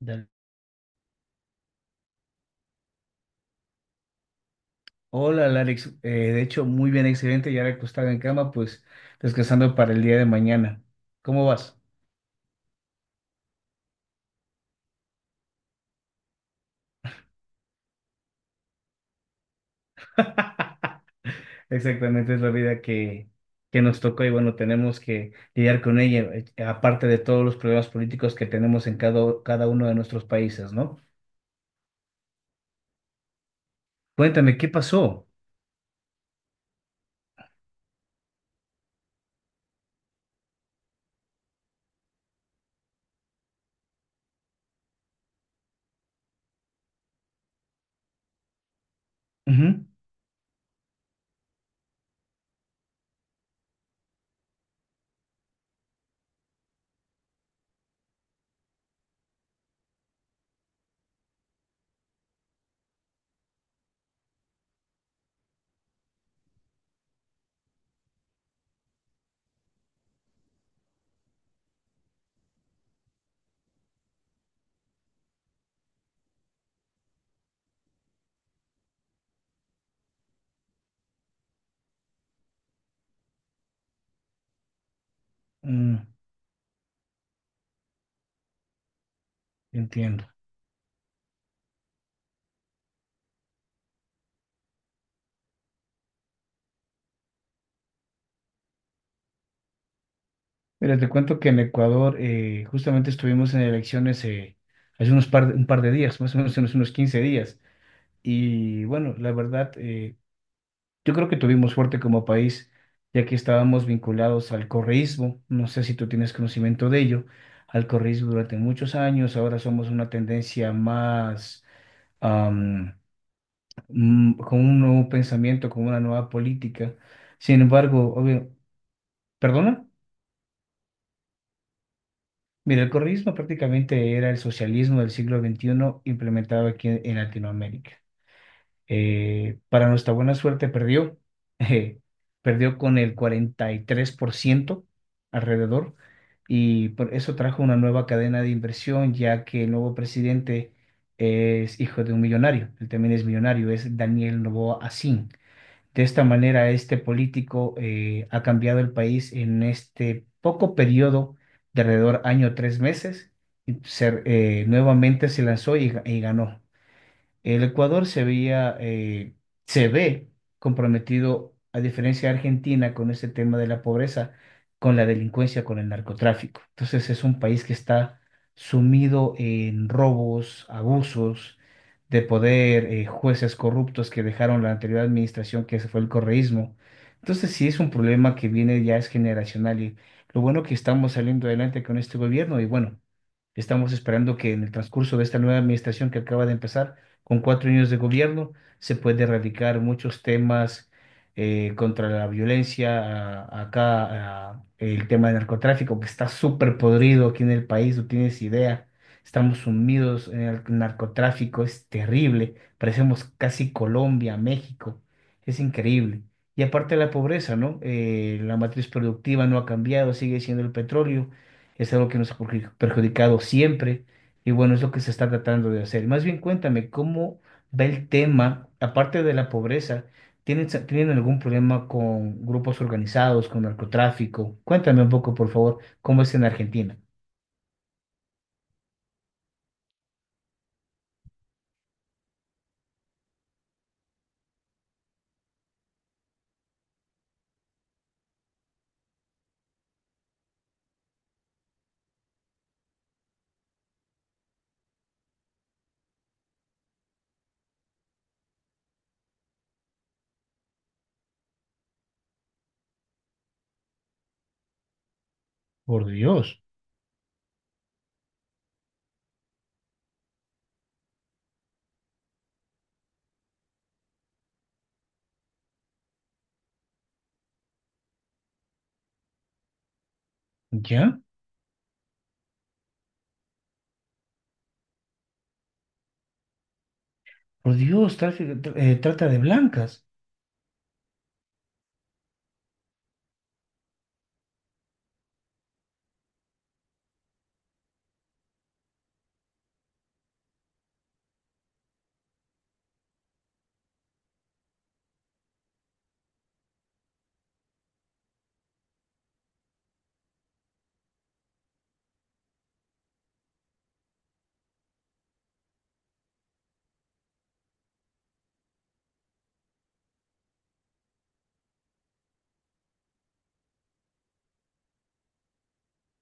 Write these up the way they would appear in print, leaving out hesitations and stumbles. Dale. Hola, Alex. De hecho, muy bien, excelente. Ya recostado en cama, pues descansando para el día de mañana. ¿Cómo vas? Exactamente, es la vida que nos tocó y bueno, tenemos que lidiar con ella, aparte de todos los problemas políticos que tenemos en cada uno de nuestros países, ¿no? Cuéntame, ¿qué pasó? Ujú. Mm, entiendo. Mira, te cuento que en Ecuador justamente estuvimos en elecciones hace un par de días, más o menos unos 15 días. Y bueno, la verdad, yo creo que tuvimos suerte como país, ya que estábamos vinculados al correísmo. No sé si tú tienes conocimiento de ello, al correísmo durante muchos años. Ahora somos una tendencia más am, con un nuevo pensamiento, con una nueva política. Sin embargo, obvio, perdona, mira, el correísmo prácticamente era el socialismo del siglo XXI implementado aquí en Latinoamérica. Para nuestra buena suerte perdió, eh, perdió con el 43% alrededor, y por eso trajo una nueva cadena de inversión ya que el nuevo presidente es hijo de un millonario, él también es millonario, es Daniel Noboa Asin. De esta manera este político ha cambiado el país en este poco periodo de alrededor año 3 meses y nuevamente se lanzó y y ganó. El Ecuador se ve comprometido, a diferencia de Argentina, con este tema de la pobreza, con la delincuencia, con el narcotráfico. Entonces es un país que está sumido en robos, abusos de poder, jueces corruptos que dejaron la anterior administración, que se fue el correísmo. Entonces sí es un problema que viene ya es generacional y lo bueno que estamos saliendo adelante con este gobierno y bueno. Estamos esperando que en el transcurso de esta nueva administración que acaba de empezar, con 4 años de gobierno, se puede erradicar muchos temas contra la violencia, el tema del narcotráfico, que está súper podrido aquí en el país, no tienes idea. Estamos sumidos en el narcotráfico, es terrible, parecemos casi Colombia, México, es increíble. Y aparte la pobreza, ¿no? La matriz productiva no ha cambiado, sigue siendo el petróleo, es algo que nos ha perjudicado siempre y bueno, es lo que se está tratando de hacer. Más bien cuéntame, ¿cómo va el tema, aparte de la pobreza? Tienen algún problema con grupos organizados, con narcotráfico? Cuéntame un poco, por favor, ¿cómo es en Argentina? Por Dios, ¿ya? Por Dios, trata de blancas.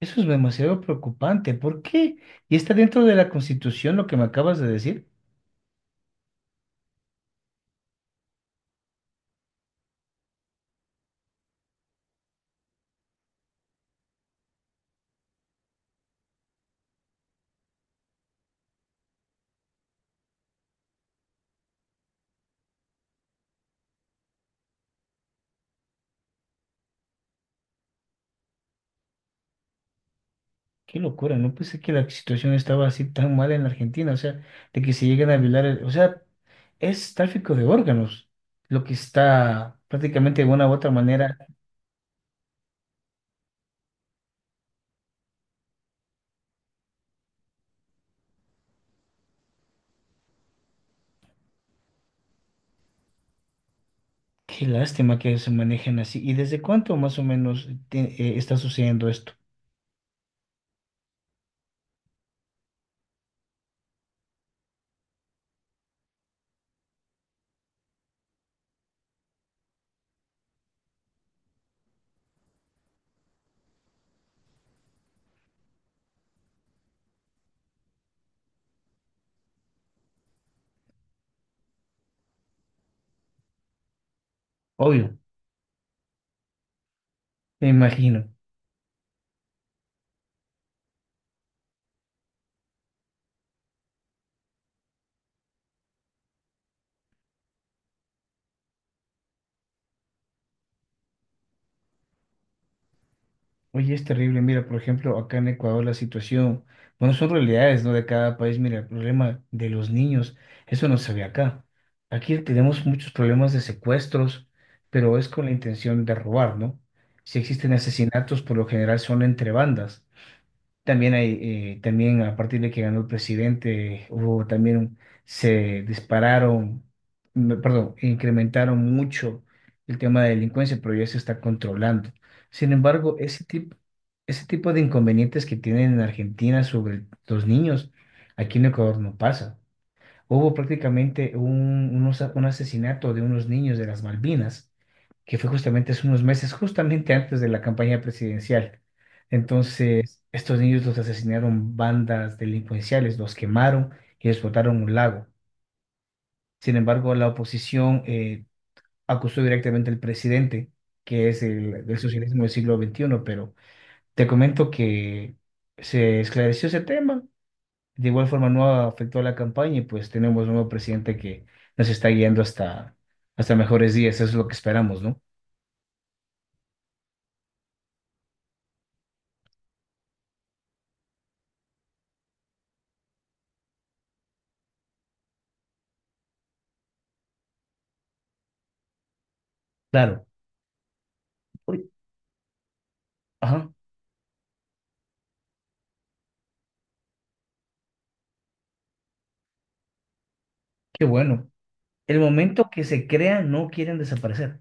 Eso es demasiado preocupante. ¿Por qué? ¿Y está dentro de la Constitución lo que me acabas de decir? Qué locura, no pensé que la situación estaba así tan mal en la Argentina, o sea, de que se lleguen a violar, o sea, es tráfico de órganos, lo que está prácticamente de una u otra manera. Qué lástima que se manejen así. ¿Y desde cuánto más o menos está sucediendo esto? Obvio, me imagino. Oye, es terrible. Mira, por ejemplo, acá en Ecuador la situación, bueno, son realidades, ¿no? De cada país. Mira, el problema de los niños, eso no se ve acá. Aquí tenemos muchos problemas de secuestros, pero es con la intención de robar, ¿no? Si existen asesinatos, por lo general son entre bandas. También hay, también a partir de que ganó el presidente, hubo también, se dispararon, perdón, incrementaron mucho el tema de delincuencia, pero ya se está controlando. Sin embargo, ese tipo de inconvenientes que tienen en Argentina sobre los niños, aquí en Ecuador no pasa. Hubo prácticamente un asesinato de unos niños de las Malvinas, que fue justamente hace unos meses, justamente antes de la campaña presidencial. Entonces, estos niños los asesinaron bandas delincuenciales, los quemaron y les botaron un lago. Sin embargo, la oposición acusó directamente al presidente, que es del socialismo del siglo XXI, pero te comento que se esclareció ese tema, de igual forma no afectó a la campaña y pues tenemos un nuevo presidente que nos está guiando hasta, hasta mejores días. Eso es lo que esperamos, ¿no? Claro. Uy, ajá, qué bueno. El momento que se crean, no quieren desaparecer.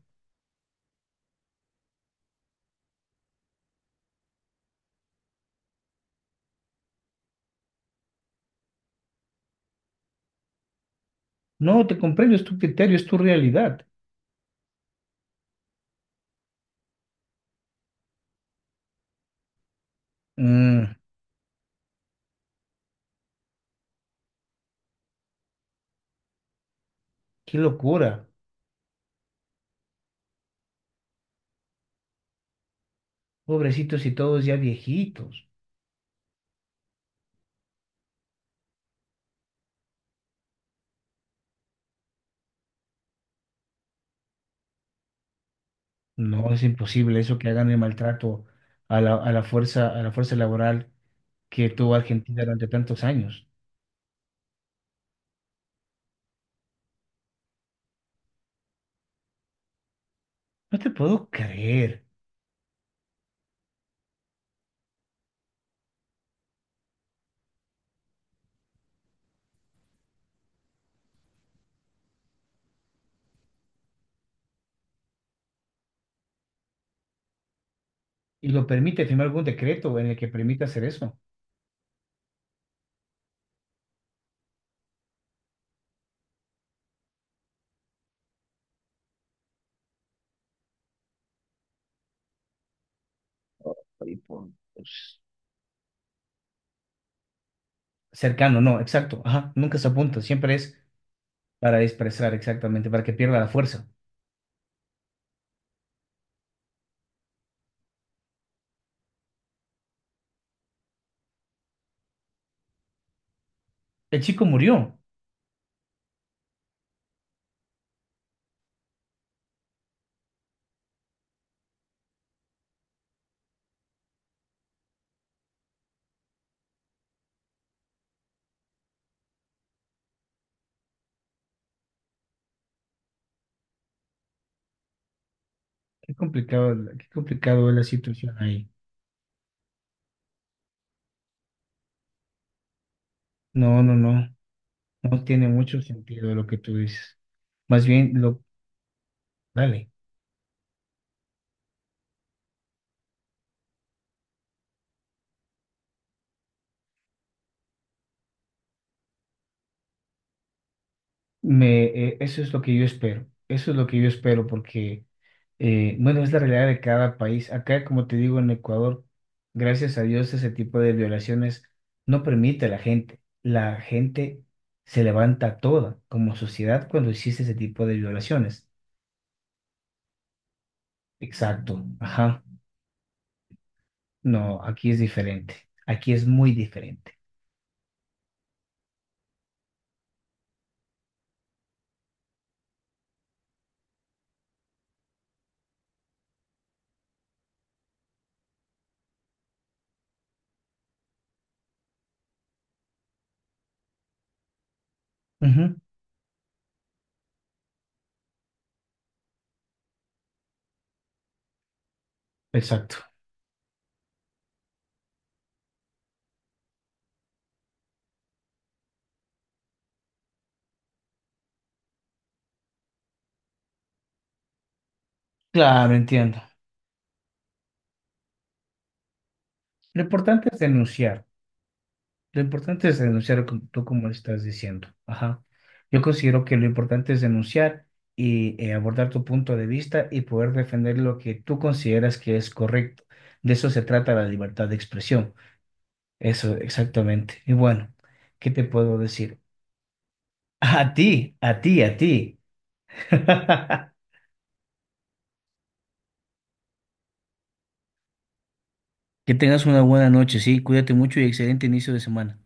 No, te comprendo, es tu criterio, es tu realidad. Mm, qué locura. Pobrecitos y todos ya viejitos. No, es imposible eso que hagan el maltrato a a la fuerza laboral que tuvo Argentina durante tantos años. No te puedo creer. Y lo permite firmar algún decreto en el que permite hacer eso. Ahí por- pues, Cercano, no, exacto. Ajá, nunca se apunta, siempre es para expresar exactamente, para que pierda la fuerza. El chico murió. Qué complicado es la situación ahí. No, no, no, no tiene mucho sentido lo que tú dices. Más bien, lo, dale. Eso es lo que yo espero, eso es lo que yo espero porque, bueno, es la realidad de cada país. Acá, como te digo, en Ecuador, gracias a Dios, ese tipo de violaciones no permite a la gente. La gente se levanta toda como sociedad cuando existe ese tipo de violaciones. Exacto, ajá. No, aquí es diferente, aquí es muy diferente. Ujú. Exacto. Claro, entiendo. Lo importante es denunciar. Lo importante es denunciar como tú como estás diciendo. Ajá. Yo considero que lo importante es denunciar y abordar tu punto de vista y poder defender lo que tú consideras que es correcto. De eso se trata la libertad de expresión. Eso, exactamente. Y bueno, ¿qué te puedo decir? A ti, a ti, a ti. Que tengas una buena noche, sí. Cuídate mucho y excelente inicio de semana.